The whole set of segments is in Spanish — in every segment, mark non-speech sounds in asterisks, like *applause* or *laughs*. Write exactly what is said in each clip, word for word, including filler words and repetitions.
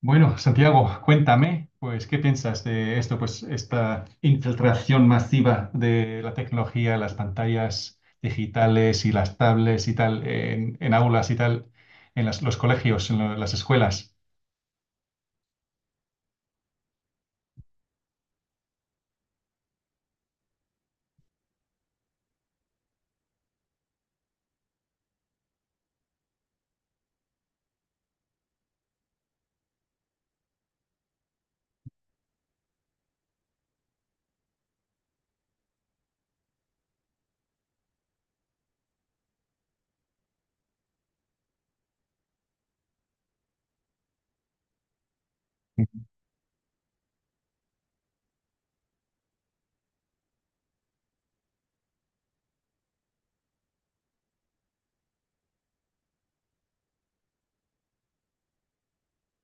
Bueno, Santiago, cuéntame, pues, ¿qué piensas de esto? Pues, esta infiltración masiva de la tecnología, las pantallas digitales y las tablets y tal, en, en aulas y tal, en las- los colegios, en lo- las escuelas.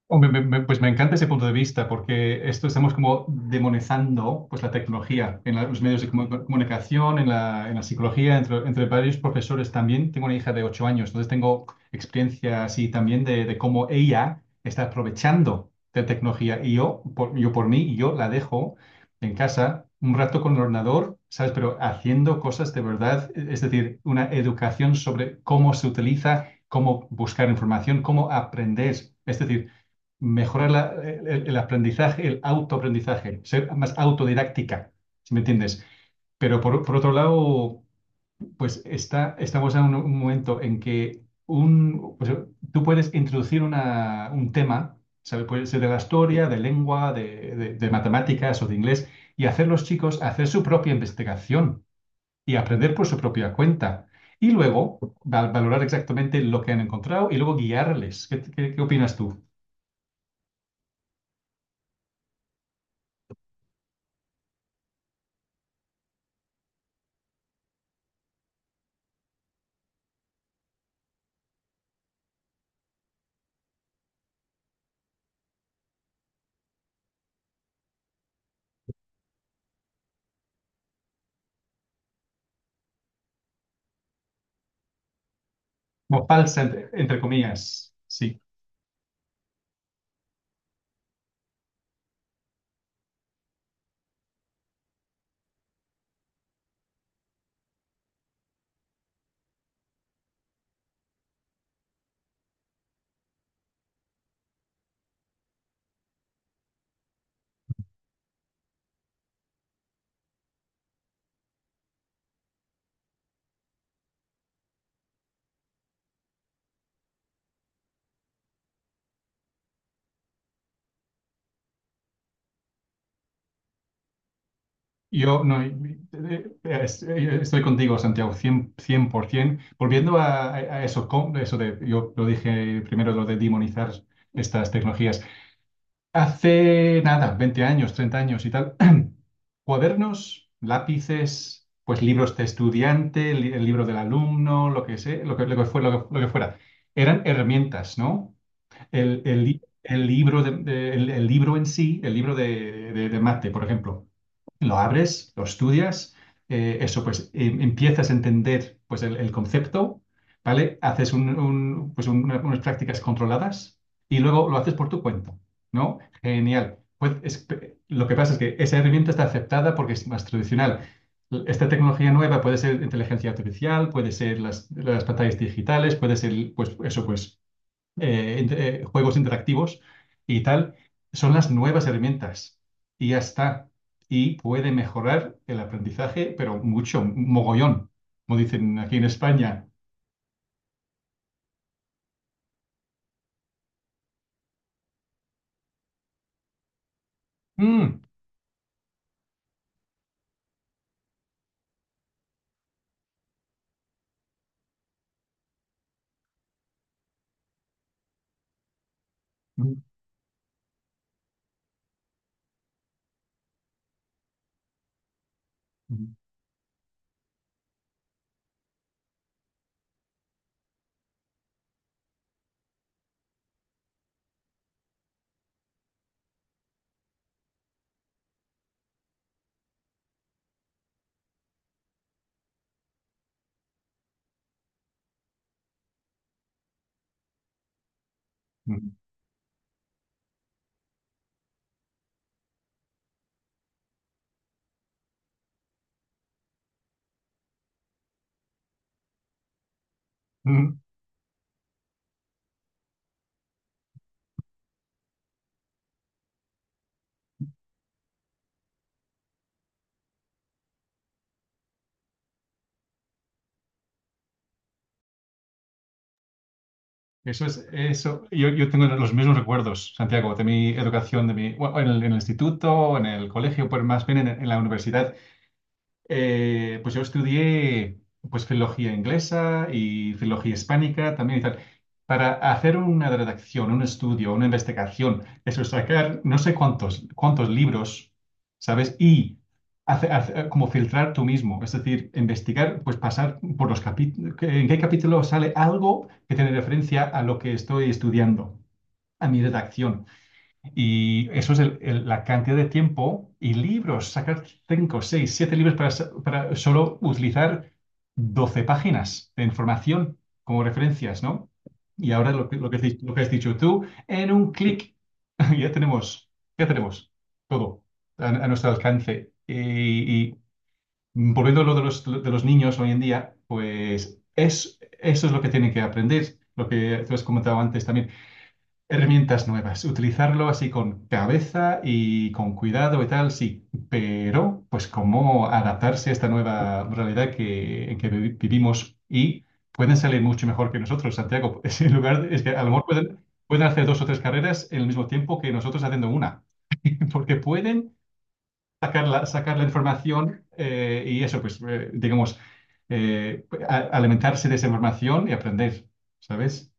Hombre, me- me- pues me encanta ese punto de vista porque esto estamos como demonizando pues la tecnología en la- los medios de comu- comunicación, en la, en la psicología, entre, entre varios profesores también. Tengo una hija de ocho años, entonces tengo experiencia así también de, de cómo ella está aprovechando de tecnología y yo por, yo por mí, yo la dejo en casa un rato con el ordenador, ¿sabes? Pero haciendo cosas de verdad, es decir, una educación sobre cómo se utiliza, cómo buscar información, cómo aprender. Es decir, mejorar la- el, el aprendizaje, el autoaprendizaje, ser más autodidáctica, si me entiendes. Pero por, por otro lado, pues está, estamos en un, un momento en que un, pues, tú puedes introducir una- un tema, ¿sabes? Puede ser de la historia, de lengua, de, de- de matemáticas o de inglés, y hacer los chicos hacer su propia investigación y aprender por su propia cuenta. Y luego val- valorar exactamente lo que han encontrado y luego guiarles. ¿Qué, qué qué opinas tú? Bhopal Center, entre comillas, sí. Yo no, eh, es- eh, Estoy contigo, Santiago, cien por cien por ciento. Volviendo a, a a eso, con- eso de, yo lo dije primero, lo de demonizar estas tecnologías. Hace nada, veinte años, treinta años y tal, *clears throat* cuadernos, lápices, pues libros de estudiante, li- el libro del alumno, lo que sé, lo que, lo que fue, lo que, lo que fuera, eran herramientas, ¿no? El, el li- el libro, de- de- el, el libro en sí, el libro de, de, de Mate, por ejemplo, lo abres, lo estudias, eh, eso pues em- empiezas a entender pues el, el concepto, ¿vale? Haces un- un- pues, una- unas prácticas controladas y luego lo haces por tu cuenta, ¿no? Genial. Pues es- lo que pasa es que esa herramienta está aceptada porque es más tradicional. Esta tecnología nueva puede ser inteligencia artificial, puede ser las, las pantallas digitales, puede ser, pues eso, pues eh, entre- eh, juegos interactivos y tal, son las nuevas herramientas. Y ya está. Y puede mejorar el aprendizaje, pero mucho, mogollón, como dicen aquí en España. Mm, mm, mm, mm. mm. Eso es, eso. Yo, yo tengo los mismos recuerdos, Santiago, de mi educación, de mi, bueno, en el, en el instituto, en el colegio, pues más bien en en la universidad. Eh, pues yo estudié pues filología inglesa y filología hispánica también y tal. Para hacer una redacción, un estudio, una investigación, eso es sacar no sé cuántos, cuántos libros, ¿sabes? Y hace- hace- como filtrar tú mismo, es decir, investigar, pues pasar por los capítulos, en qué capítulo sale algo que tiene referencia a lo que estoy estudiando, a mi redacción. Y eso es el- el- la cantidad de tiempo y libros, sacar cinco, seis siete libros para, para solo utilizar doce páginas de información como referencias, ¿no? Y ahora lo que, lo que, has dicho- lo que has dicho tú, en un clic, *laughs* ya tenemos, ya tenemos todo a, a nuestro alcance. Y, y volviendo a lo de los, de los niños hoy en día, pues es, eso es lo que tienen que aprender, lo que tú has comentado antes también. Herramientas nuevas, utilizarlo así con cabeza y con cuidado y tal, sí, pero pues cómo adaptarse a esta nueva realidad que, en que vi- vivimos y pueden salir mucho mejor que nosotros, Santiago. *laughs* Es, en lugar de- es que a lo mejor pueden, pueden hacer dos o tres carreras en el mismo tiempo que nosotros haciendo una, *laughs* porque pueden sacar la, sacar la información eh, y eso, pues eh, digamos, eh, a- alimentarse de esa información y aprender, ¿sabes?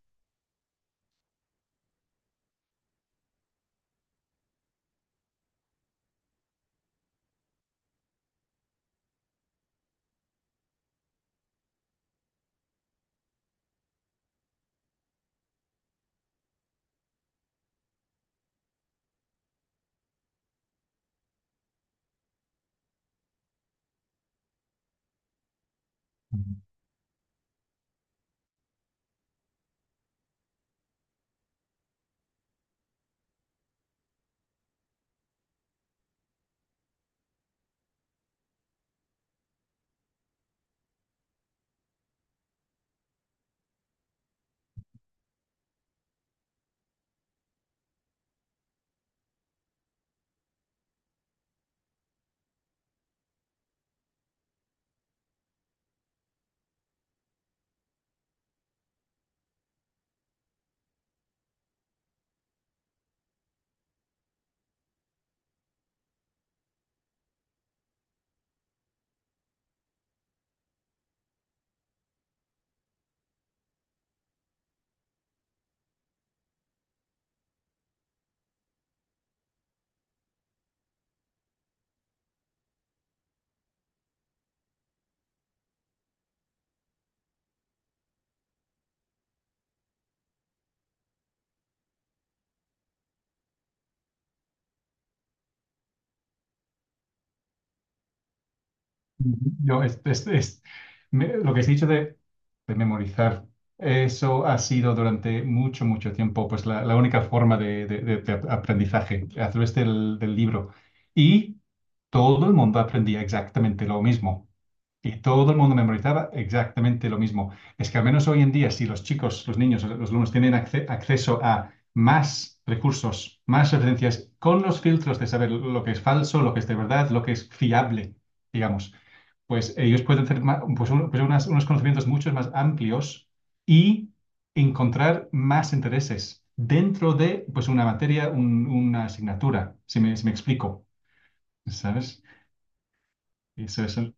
Yo, es, es- es- me- Lo que he dicho de, de memorizar, eso ha sido durante mucho, mucho tiempo, pues la, la única forma de, de- de- de aprendizaje a través del, del libro. Y todo el mundo aprendía exactamente lo mismo. Y todo el mundo memorizaba exactamente lo mismo. Es que al menos hoy en día, si los chicos, los niños, los alumnos tienen acce- acceso a más recursos, más referencias, con los filtros de saber lo que es falso, lo que es de verdad, lo que es fiable, digamos, pues ellos pueden tener ma- pues, un- pues, unas- unos conocimientos mucho más amplios y encontrar más intereses dentro de pues, una materia, un- una asignatura, si me, si me explico, ¿sabes? Eso, eso.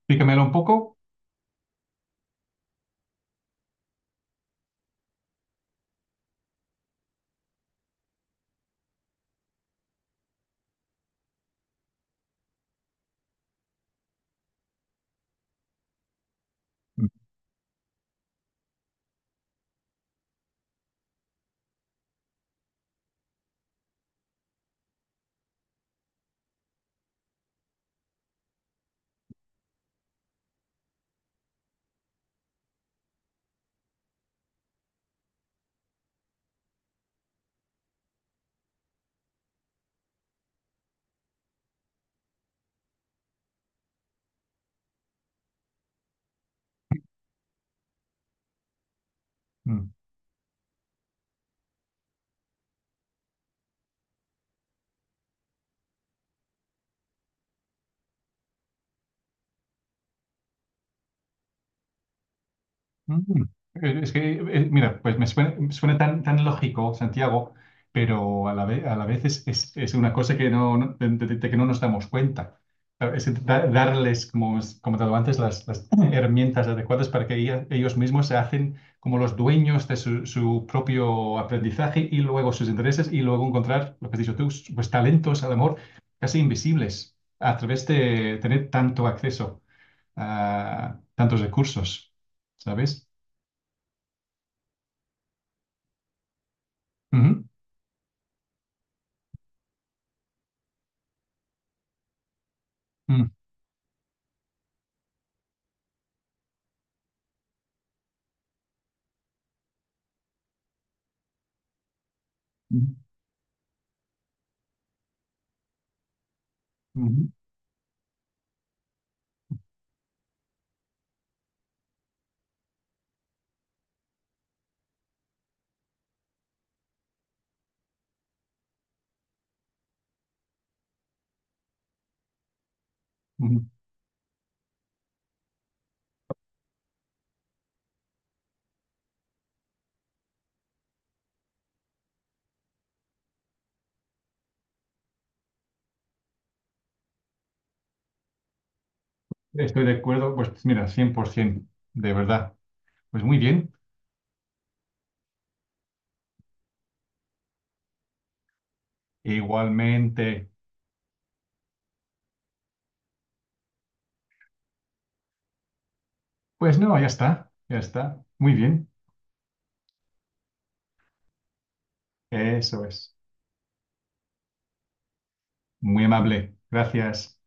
Explícamelo un poco. Mm. Mm, eh, es que, eh, mira, pues me suena, suena tan, tan lógico, Santiago, pero a la vez, a la vez es, es, es una cosa que no, no- de, de- de que no nos damos cuenta. Claro, es intentar darles, como, es- como te digo antes, las, las *clears throat* herramientas adecuadas para que ella- ellos mismos se hacen como los dueños de su, su propio aprendizaje y luego sus intereses y luego encontrar, lo que has dicho tú, pues talentos, al amor casi invisibles a través de tener tanto acceso a tantos recursos, ¿sabes? Ujú, ujú, ujú, ujú, ujú. Estoy de acuerdo, pues mira, cien por ciento, de verdad. Pues muy bien. Igualmente, pues no, ya está, ya está. Muy bien. Eso es. Muy amable. Gracias.